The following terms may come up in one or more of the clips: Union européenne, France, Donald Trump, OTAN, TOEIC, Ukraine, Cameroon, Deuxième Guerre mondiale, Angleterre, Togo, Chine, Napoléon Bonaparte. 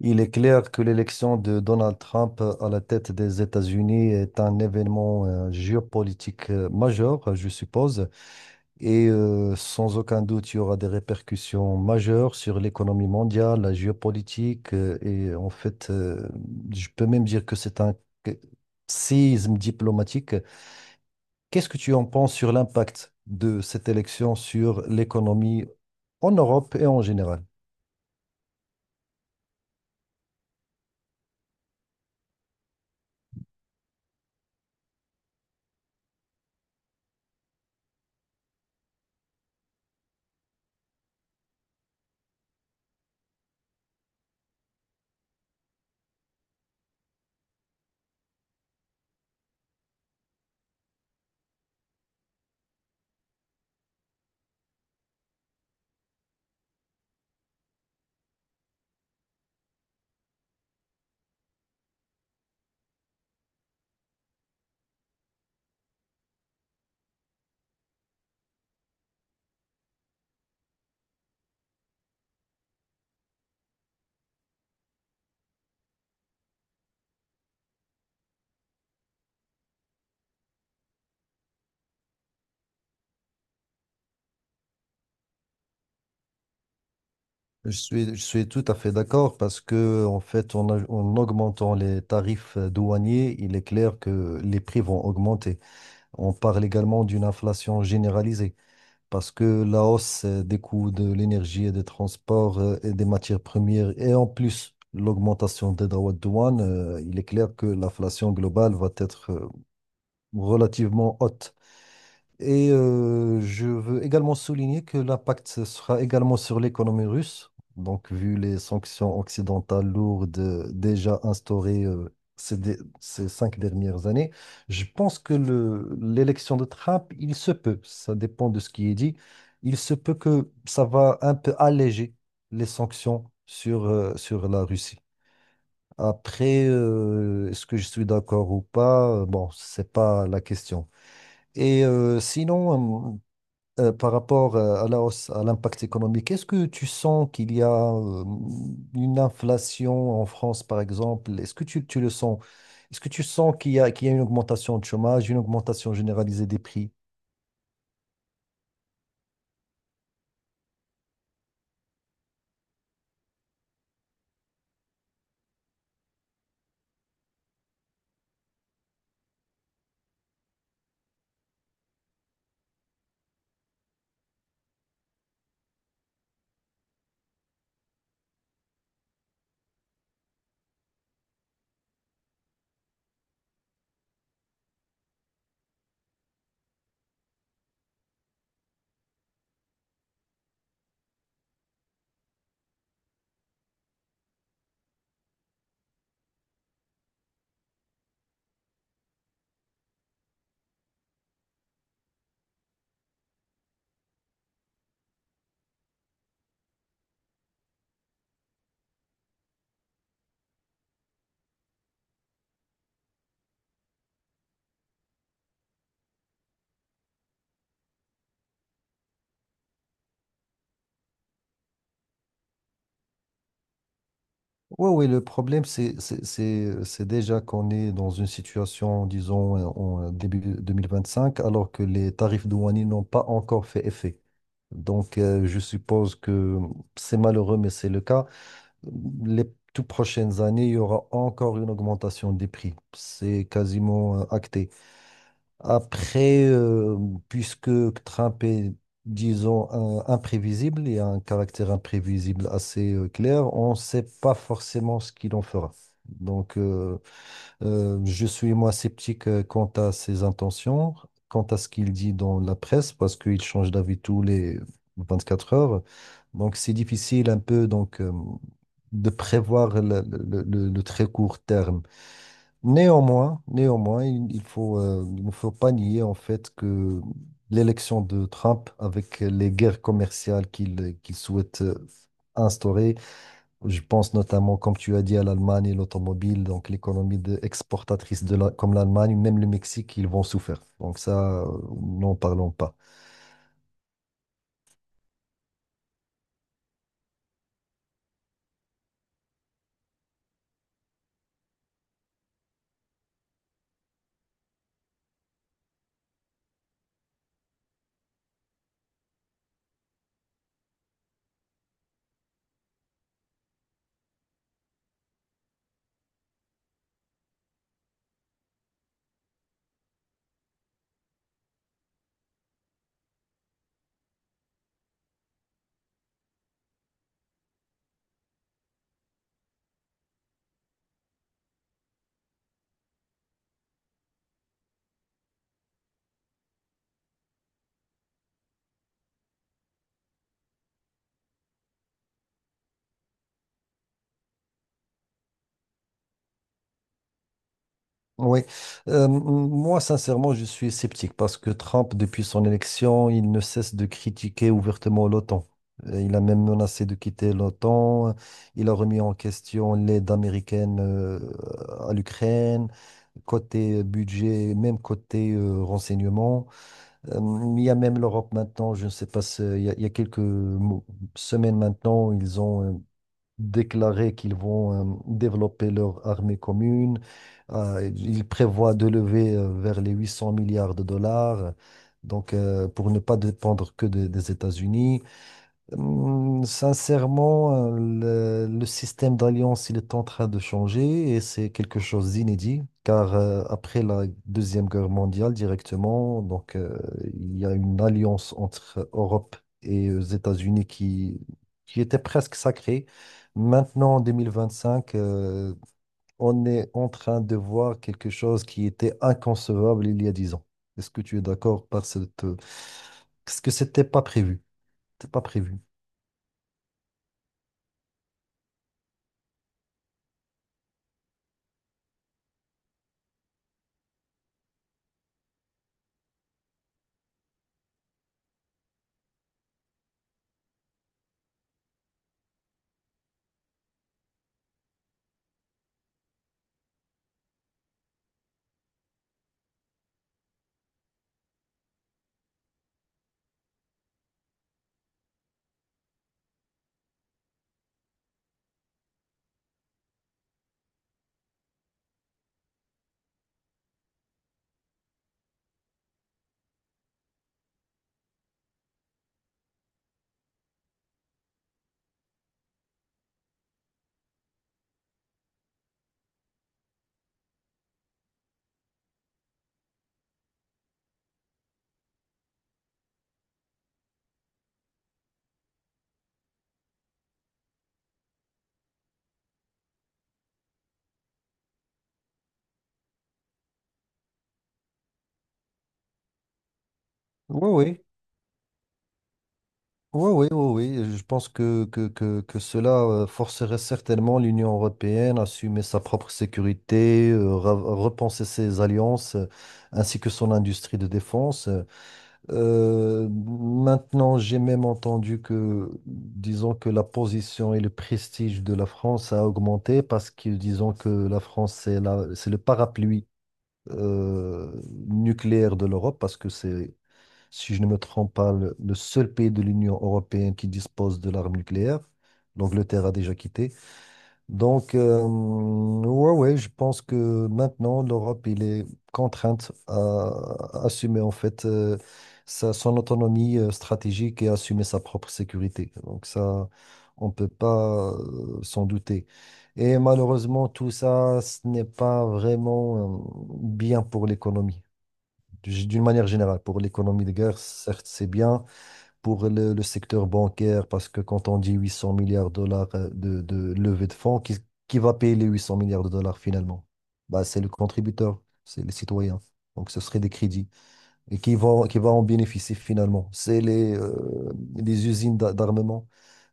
Il est clair que l'élection de Donald Trump à la tête des États-Unis est un événement géopolitique majeur, je suppose, et sans aucun doute, il y aura des répercussions majeures sur l'économie mondiale, la géopolitique, et en fait, je peux même dire que c'est que- séisme diplomatique. Qu'est-ce que tu en penses sur l'impact de cette élection sur l'économie en Europe et en général? Je suis tout à fait d'accord parce que, en fait, en augmentant les tarifs douaniers, il est clair que les prix vont augmenter. On parle également d'une inflation généralisée parce que la hausse des coûts de l'énergie et des transports et des matières premières et en plus l'augmentation des droits de douane, il est clair que l'inflation globale va être relativement haute. Et je veux également souligner que l'impact sera également sur l'économie russe. Donc, vu les sanctions occidentales lourdes déjà instaurées ces 5 dernières années, je pense que l'élection de Trump, il se peut, ça dépend de ce qui est dit, il se peut que ça va un peu alléger les sanctions sur, sur la Russie. Après, est-ce que je suis d'accord ou pas? Bon, c'est pas la question. Et sinon, par rapport à la hausse, à l'impact économique, est-ce que tu sens qu'il y a une inflation en France, par exemple? Est-ce que tu le sens? Est-ce que tu sens qu'il y a une augmentation de chômage, une augmentation généralisée des prix? Oui, oui, le problème, c'est déjà qu'on est dans une situation, disons, en début 2025, alors que les tarifs douaniers n'ont pas encore fait effet. Donc, je suppose que c'est malheureux, mais c'est le cas. Les toutes prochaines années, il y aura encore une augmentation des prix. C'est quasiment acté. Après, puisque Trump est, disons, imprévisible, et a un caractère imprévisible assez clair, on ne sait pas forcément ce qu'il en fera. Donc, je suis moi sceptique quant à ses intentions, quant à ce qu'il dit dans la presse, parce qu'il change d'avis tous les 24 heures. Donc, c'est difficile un peu donc, de prévoir le très court terme. Néanmoins, néanmoins, il faut, il ne faut pas nier en fait que l'élection de Trump avec les guerres commerciales qu'il souhaite instaurer, je pense notamment, comme tu as dit, à l'Allemagne et l'automobile, donc l'économie exportatrice comme l'Allemagne, même le Mexique, ils vont souffrir. Donc ça, n'en parlons pas. Oui, moi sincèrement je suis sceptique parce que Trump, depuis son élection, il ne cesse de critiquer ouvertement l'OTAN. Il a même menacé de quitter l'OTAN, il a remis en question l'aide américaine à l'Ukraine, côté budget, même côté renseignement. Euh, il y a même l'Europe maintenant, je ne sais pas, il y a quelques semaines maintenant, ils ont déclaré qu'ils vont développer leur armée commune. Ils prévoient de lever vers les 800 milliards de dollars, donc pour ne pas dépendre que des États-Unis. Sincèrement, le système d'alliance, il est en train de changer et c'est quelque chose d'inédit, car après la Deuxième Guerre mondiale directement, donc il y a une alliance entre Europe et les États-Unis qui était presque sacrée. Maintenant, en 2025, on est en train de voir quelque chose qui était inconcevable il y a 10 ans. Est-ce que tu es d'accord par cette... Parce que c'était pas prévu. C'était pas prévu. Oui, oui, oui, oui, oui, oui. Je pense que cela forcerait certainement l'Union européenne à assumer sa propre sécurité, repenser ses alliances, ainsi que son industrie de défense. Maintenant, j'ai même entendu que, disons que la position et le prestige de la France a augmenté parce que, disons que la France, c'est c'est le parapluie euh, nucléaire de l'Europe parce que c'est si je ne me trompe pas, le seul pays de l'Union européenne qui dispose de l'arme nucléaire. L'Angleterre a déjà quitté. Donc, ouais, ouais, je pense que maintenant, l'Europe, il est contrainte à assumer en fait son autonomie stratégique et assumer sa propre sécurité. Donc ça, on ne peut pas s'en douter. Et malheureusement, tout ça, ce n'est pas vraiment bien pour l'économie. D'une manière générale, pour l'économie de guerre, certes, c'est bien. Pour le secteur bancaire, parce que quand on dit 800 milliards de dollars de levée de fonds, qui va payer les 800 milliards de dollars finalement? Bah, c'est le contributeur, c'est les citoyens. Donc, ce serait des crédits. Et qui va en bénéficier finalement? C'est les usines d'armement,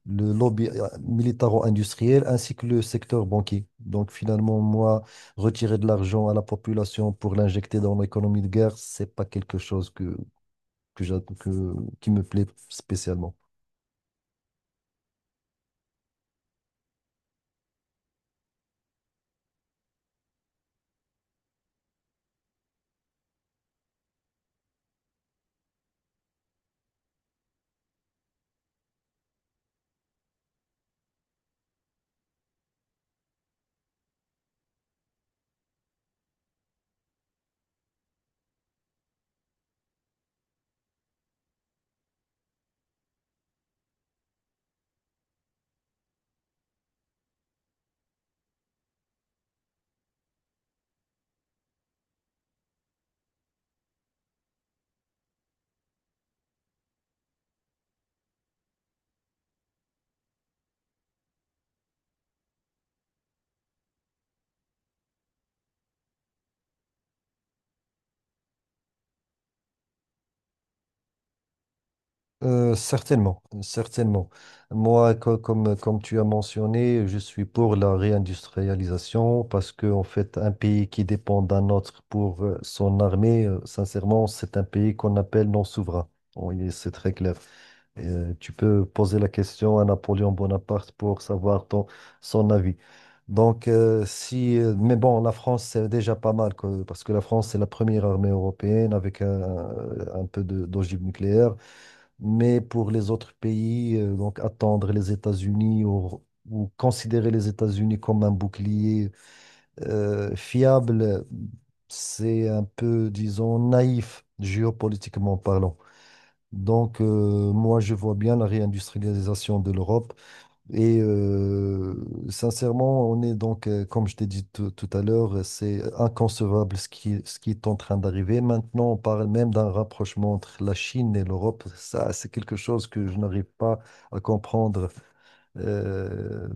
le lobby militaro-industriel ainsi que le secteur banquier. Donc finalement, moi, retirer de l'argent à la population pour l'injecter dans l'économie de guerre, c'est pas quelque chose que, j'a- que- qui me plaît spécialement. Certainement, certainement. Moi, comme tu as mentionné, je suis pour la réindustrialisation parce que, en fait, un pays qui dépend d'un autre pour son armée, sincèrement, c'est un pays qu'on appelle non souverain. Bon, c'est très clair. Et, tu peux poser la question à Napoléon Bonaparte pour savoir son avis. Donc, si, mais bon, la France, c'est déjà pas mal, quoi, parce que la France, c'est la première armée européenne avec un peu d'ogive nucléaire. Mais pour les autres pays, donc attendre les États-Unis ou considérer les États-Unis comme un bouclier fiable, c'est un peu, disons, naïf géopolitiquement parlant. Donc, moi, je vois bien la réindustrialisation de l'Europe. Et sincèrement, on est donc, comme je t'ai dit tout à l'heure, c'est inconcevable ce qui est en train d'arriver. Maintenant, on parle même d'un rapprochement entre la Chine et l'Europe. Ça, c'est quelque chose que je n'arrive pas à comprendre. Euh,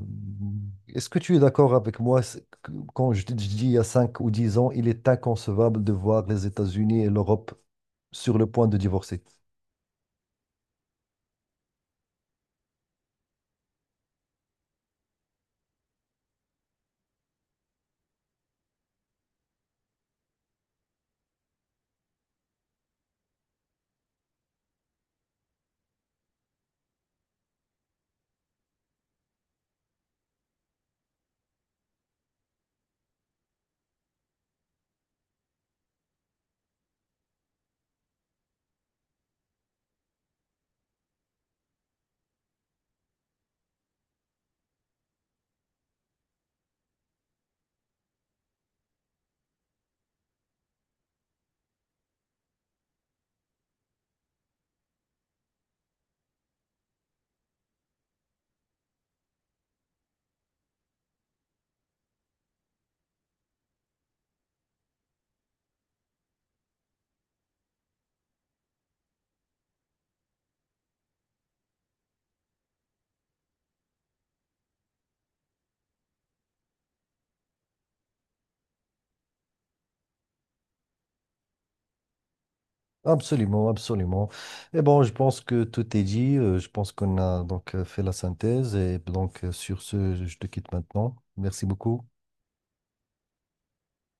est-ce que tu es d'accord avec moi quand je te dis il y a 5 ou 10 ans, il est inconcevable de voir les États-Unis et l'Europe sur le point de divorcer? Absolument, absolument. Et bon, je pense que tout est dit. Je pense qu'on a donc fait la synthèse. Et donc, sur ce, je te quitte maintenant. Merci beaucoup.